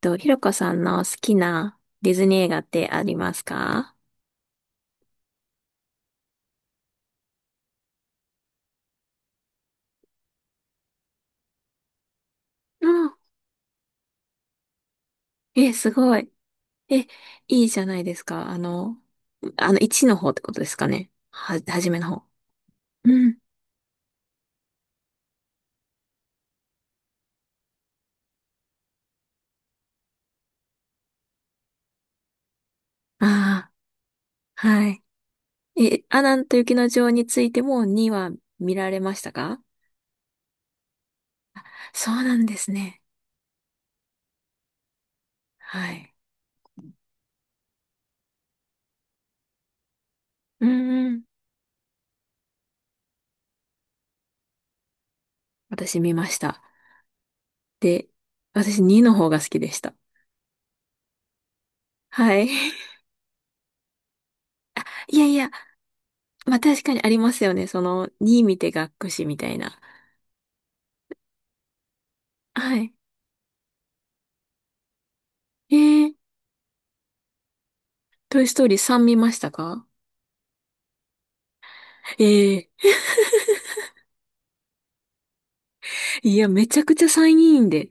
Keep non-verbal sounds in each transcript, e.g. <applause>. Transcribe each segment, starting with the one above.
と、ひろこさんの好きなディズニー映画ってありますか？うん。え、すごい。え、いいじゃないですか。あの、1の方ってことですかね。はじめの方。うん。ああ、はい。え、アナと雪の女王についても2は見られましたか？そうなんですね。はい。うんうん。私見ました。で、私2の方が好きでした。はい。<laughs> いやいや、まあ確かにありますよね。その2見て学くしみたいな。はい。えー、トイストーリー3見ましたか？え <laughs> えいや、めちゃくちゃ3いいんで。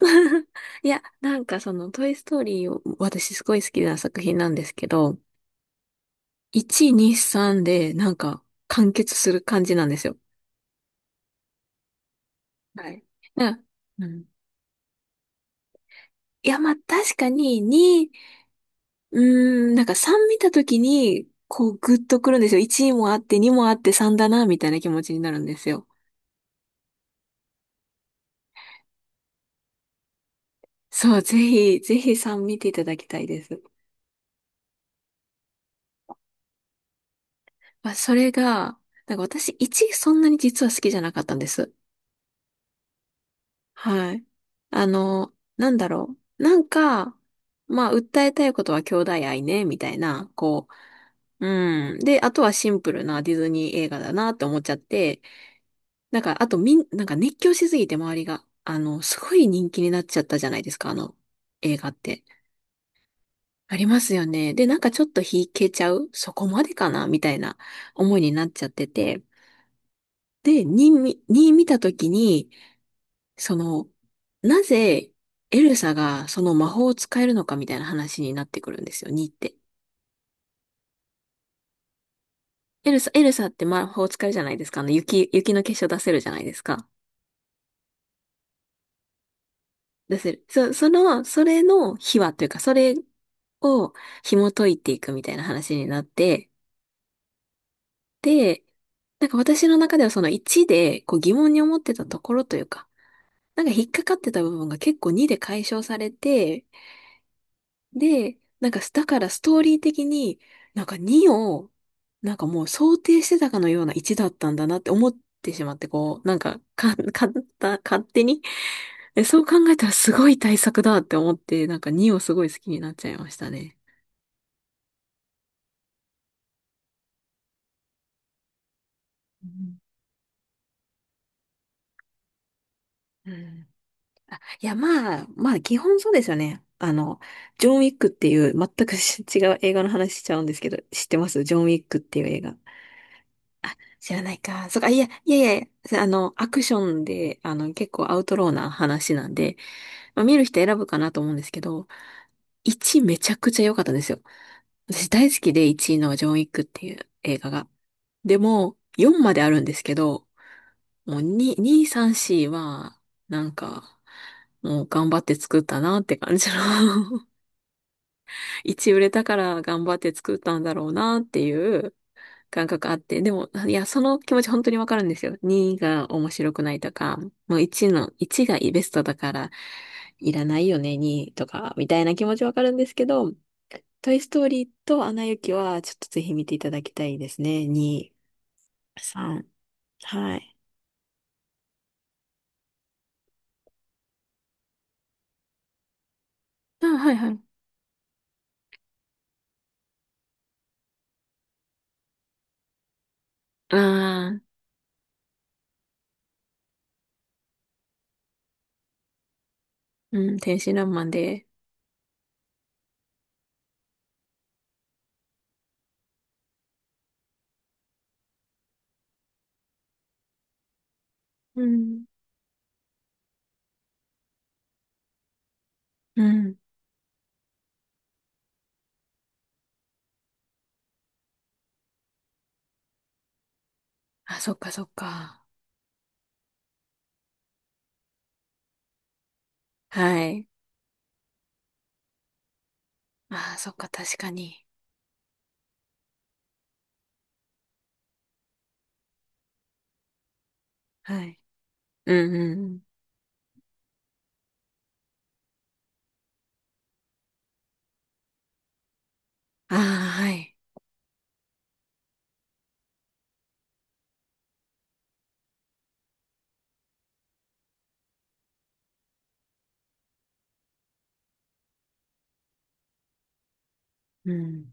<laughs> いや、なんかそのトイストーリーを私すごい好きな作品なんですけど、1、2、3でなんか完結する感じなんですよ。はい。なうん。いや、まあ確かに2、なんか3見たときに、こうグッとくるんですよ。1もあって、2もあって、3だな、みたいな気持ちになるんですよ。そう、ぜひ、ぜひ3見ていただきたいです。まあ、それが、なんか私、1そんなに実は好きじゃなかったんです。はい。あの、なんだろう。なんか、まあ、訴えたいことは兄弟愛ね、みたいな、こう、うん。で、あとはシンプルなディズニー映画だなって思っちゃって、なんか、あとなんか熱狂しすぎて周りが、あの、すごい人気になっちゃったじゃないですか、あの、映画って。ありますよね。で、なんかちょっと引けちゃうそこまでかなみたいな思いになっちゃってて。で、2に見たときに、その、なぜエルサがその魔法を使えるのかみたいな話になってくるんですよ、2って。エルサって魔法を使えるじゃないですか。あの、雪の結晶出せるじゃないですか。出せる。その、それの秘話というか、それを紐解いていくみたいな話になって、で、なんか私の中ではその1でこう疑問に思ってたところというか、なんか引っかかってた部分が結構2で解消されて、で、なんか、だからストーリー的に、なんか2を、なんかもう想定してたかのような1だったんだなって思ってしまって、こう、なんか、か、かった勝手に <laughs>。そう考えたらすごい対策だって思って、なんか2をすごい好きになっちゃいましたね。うんうん。あ、いや、まあ、基本そうですよね。あの、ジョン・ウィックっていう、全く違う映画の話しちゃうんですけど、知ってます？ジョン・ウィックっていう映画。知らないか。そっか、いや、いやいや、あの、アクションで、あの、結構アウトローな話なんで、まあ、見る人選ぶかなと思うんですけど、1めちゃくちゃ良かったんですよ。私大好きで1位のジョン・ウィックっていう映画が。でも、4まであるんですけど、もう2、3、4は、なんか、もう頑張って作ったなって感じの <laughs> 1売れたから頑張って作ったんだろうなっていう感覚あって、でも、いや、その気持ち本当にわかるんですよ。2が面白くないとか、もう1がベストだから、いらないよね、2とか、みたいな気持ちわかるんですけど、トイストーリーとアナ雪は、ちょっとぜひ見ていただきたいですね。2、3、はい。あ、はいはい。ああ、うん、天真爛漫で。うん、うん。あ、そっかそっか。はい。ああ、そっか、確かに。はい。うん、うん。ああ、はい。うん。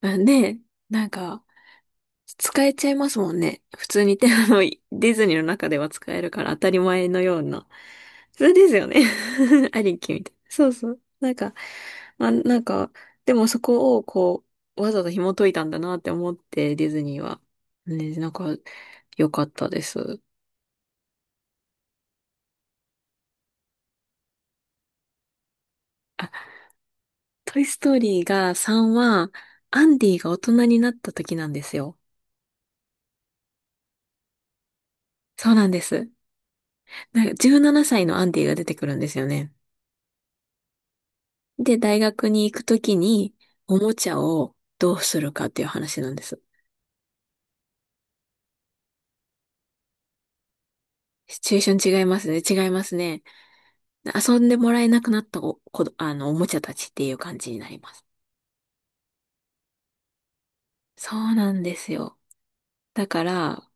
あね、なんか、使えちゃいますもんね。普通に手あの、<laughs> ディズニーの中では使えるから当たり前のような。それですよね。<laughs> ありきみたいな。そうそう。なんか、まあ、なんか、でもそこをこう、わざと紐解いたんだなって思って、ディズニーは。ね、なんか、良かったです。あ、トイストーリーが3は、アンディが大人になった時なんですよ。そうなんです。なんか17歳のアンディが出てくるんですよね。で、大学に行くときに、おもちゃをどうするかっていう話なんです。シチュエーション違いますね。違いますね。遊んでもらえなくなったお、こど、あの、おもちゃたちっていう感じになります。そうなんですよ。だから、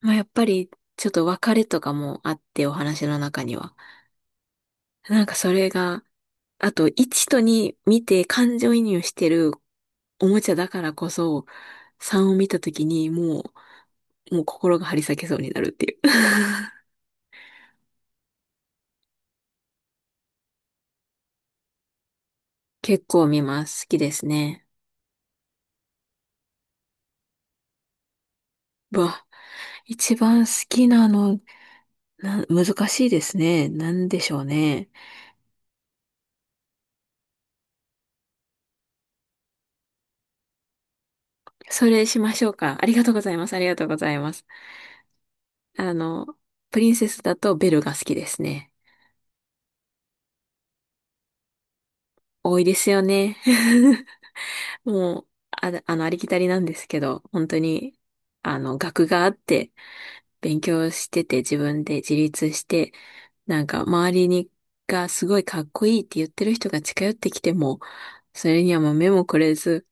まあ、やっぱり、ちょっと別れとかもあって、お話の中には。なんかそれが、あと、1と2見て感情移入してるおもちゃだからこそ、3を見たときにもう心が張り裂けそうになるっていう。<laughs> 結構見ます。好きですね。うわ、一番好きなの、難しいですね。なんでしょうね。それしましょうか。ありがとうございます。ありがとうございます。あの、プリンセスだとベルが好きですね。多いですよね。<laughs> もう、ありきたりなんですけど、本当に、あの、学があって、勉強してて、自分で自立して、なんか、周りに、がすごいかっこいいって言ってる人が近寄ってきても、それにはもう目もくれず、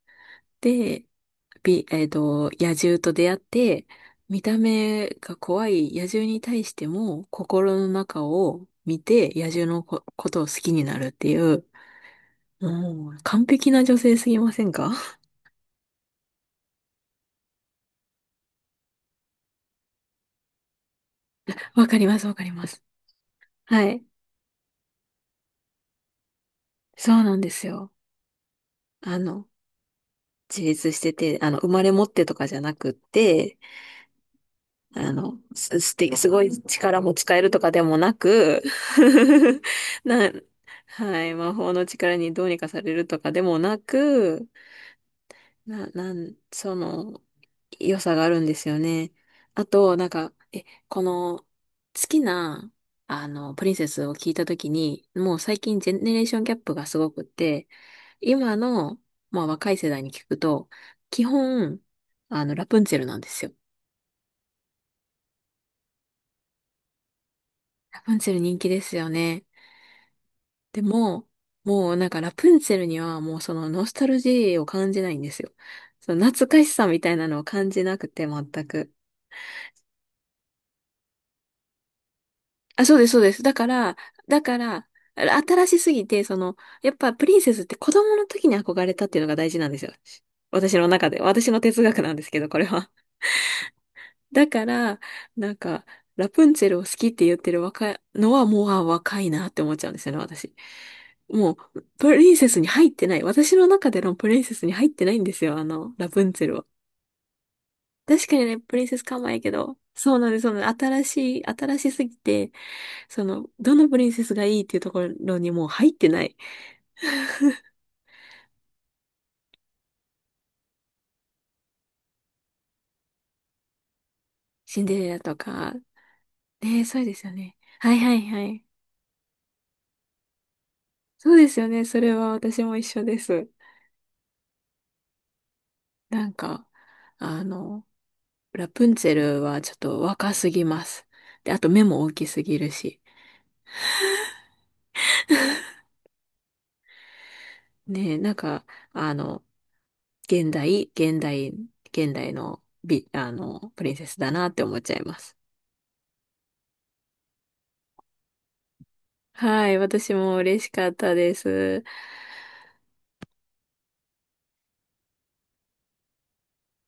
で、び、えっと、野獣と出会って、見た目が怖い野獣に対しても心の中を見て野獣のことを好きになるっていう、もう完璧な女性すぎませんか？ <laughs> わかります、わかります。はい。そうなんですよ。あの、自立してて、あの、生まれ持ってとかじゃなくって、あの、すごい力も使えるとかでもなく、<laughs> な、はい、魔法の力にどうにかされるとかでもなく、な、なん、その、良さがあるんですよね。あと、なんか、この、好きな、あの、プリンセスを聞いたときに、もう最近ジェネレーションギャップがすごくって、今の、まあ若い世代に聞くと、基本、あの、ラプンツェルなんですよ。ラプンツェル人気ですよね。でも、もうなんかラプンツェルにはもうそのノスタルジーを感じないんですよ。その懐かしさみたいなのを感じなくて全く。あ、そうです、そうです。だから、新しすぎて、その、やっぱプリンセスって子供の時に憧れたっていうのが大事なんですよ。私の中で。私の哲学なんですけど、これは。だから、なんか、ラプンツェルを好きって言ってる若いのはもう、若いなって思っちゃうんですよね、私。もう、プリンセスに入ってない。私の中でのプリンセスに入ってないんですよ、あの、ラプンツェルは。確かにね、プリンセスかえやけど、そうなんです、そうなんです。新しすぎて、その、どのプリンセスがいいっていうところにもう入ってない。シンデレラとか、ねえ、そうですよね。はいはいはい。そうですよね、それは私も一緒です。なんか、あの、ラプンツェルはちょっと若すぎます。で、あと目も大きすぎるし。ねえ、なんか、あの、現代、現代、現代の美、あの、プリンセスだなって思っちゃいます。はい、私も嬉しかったです。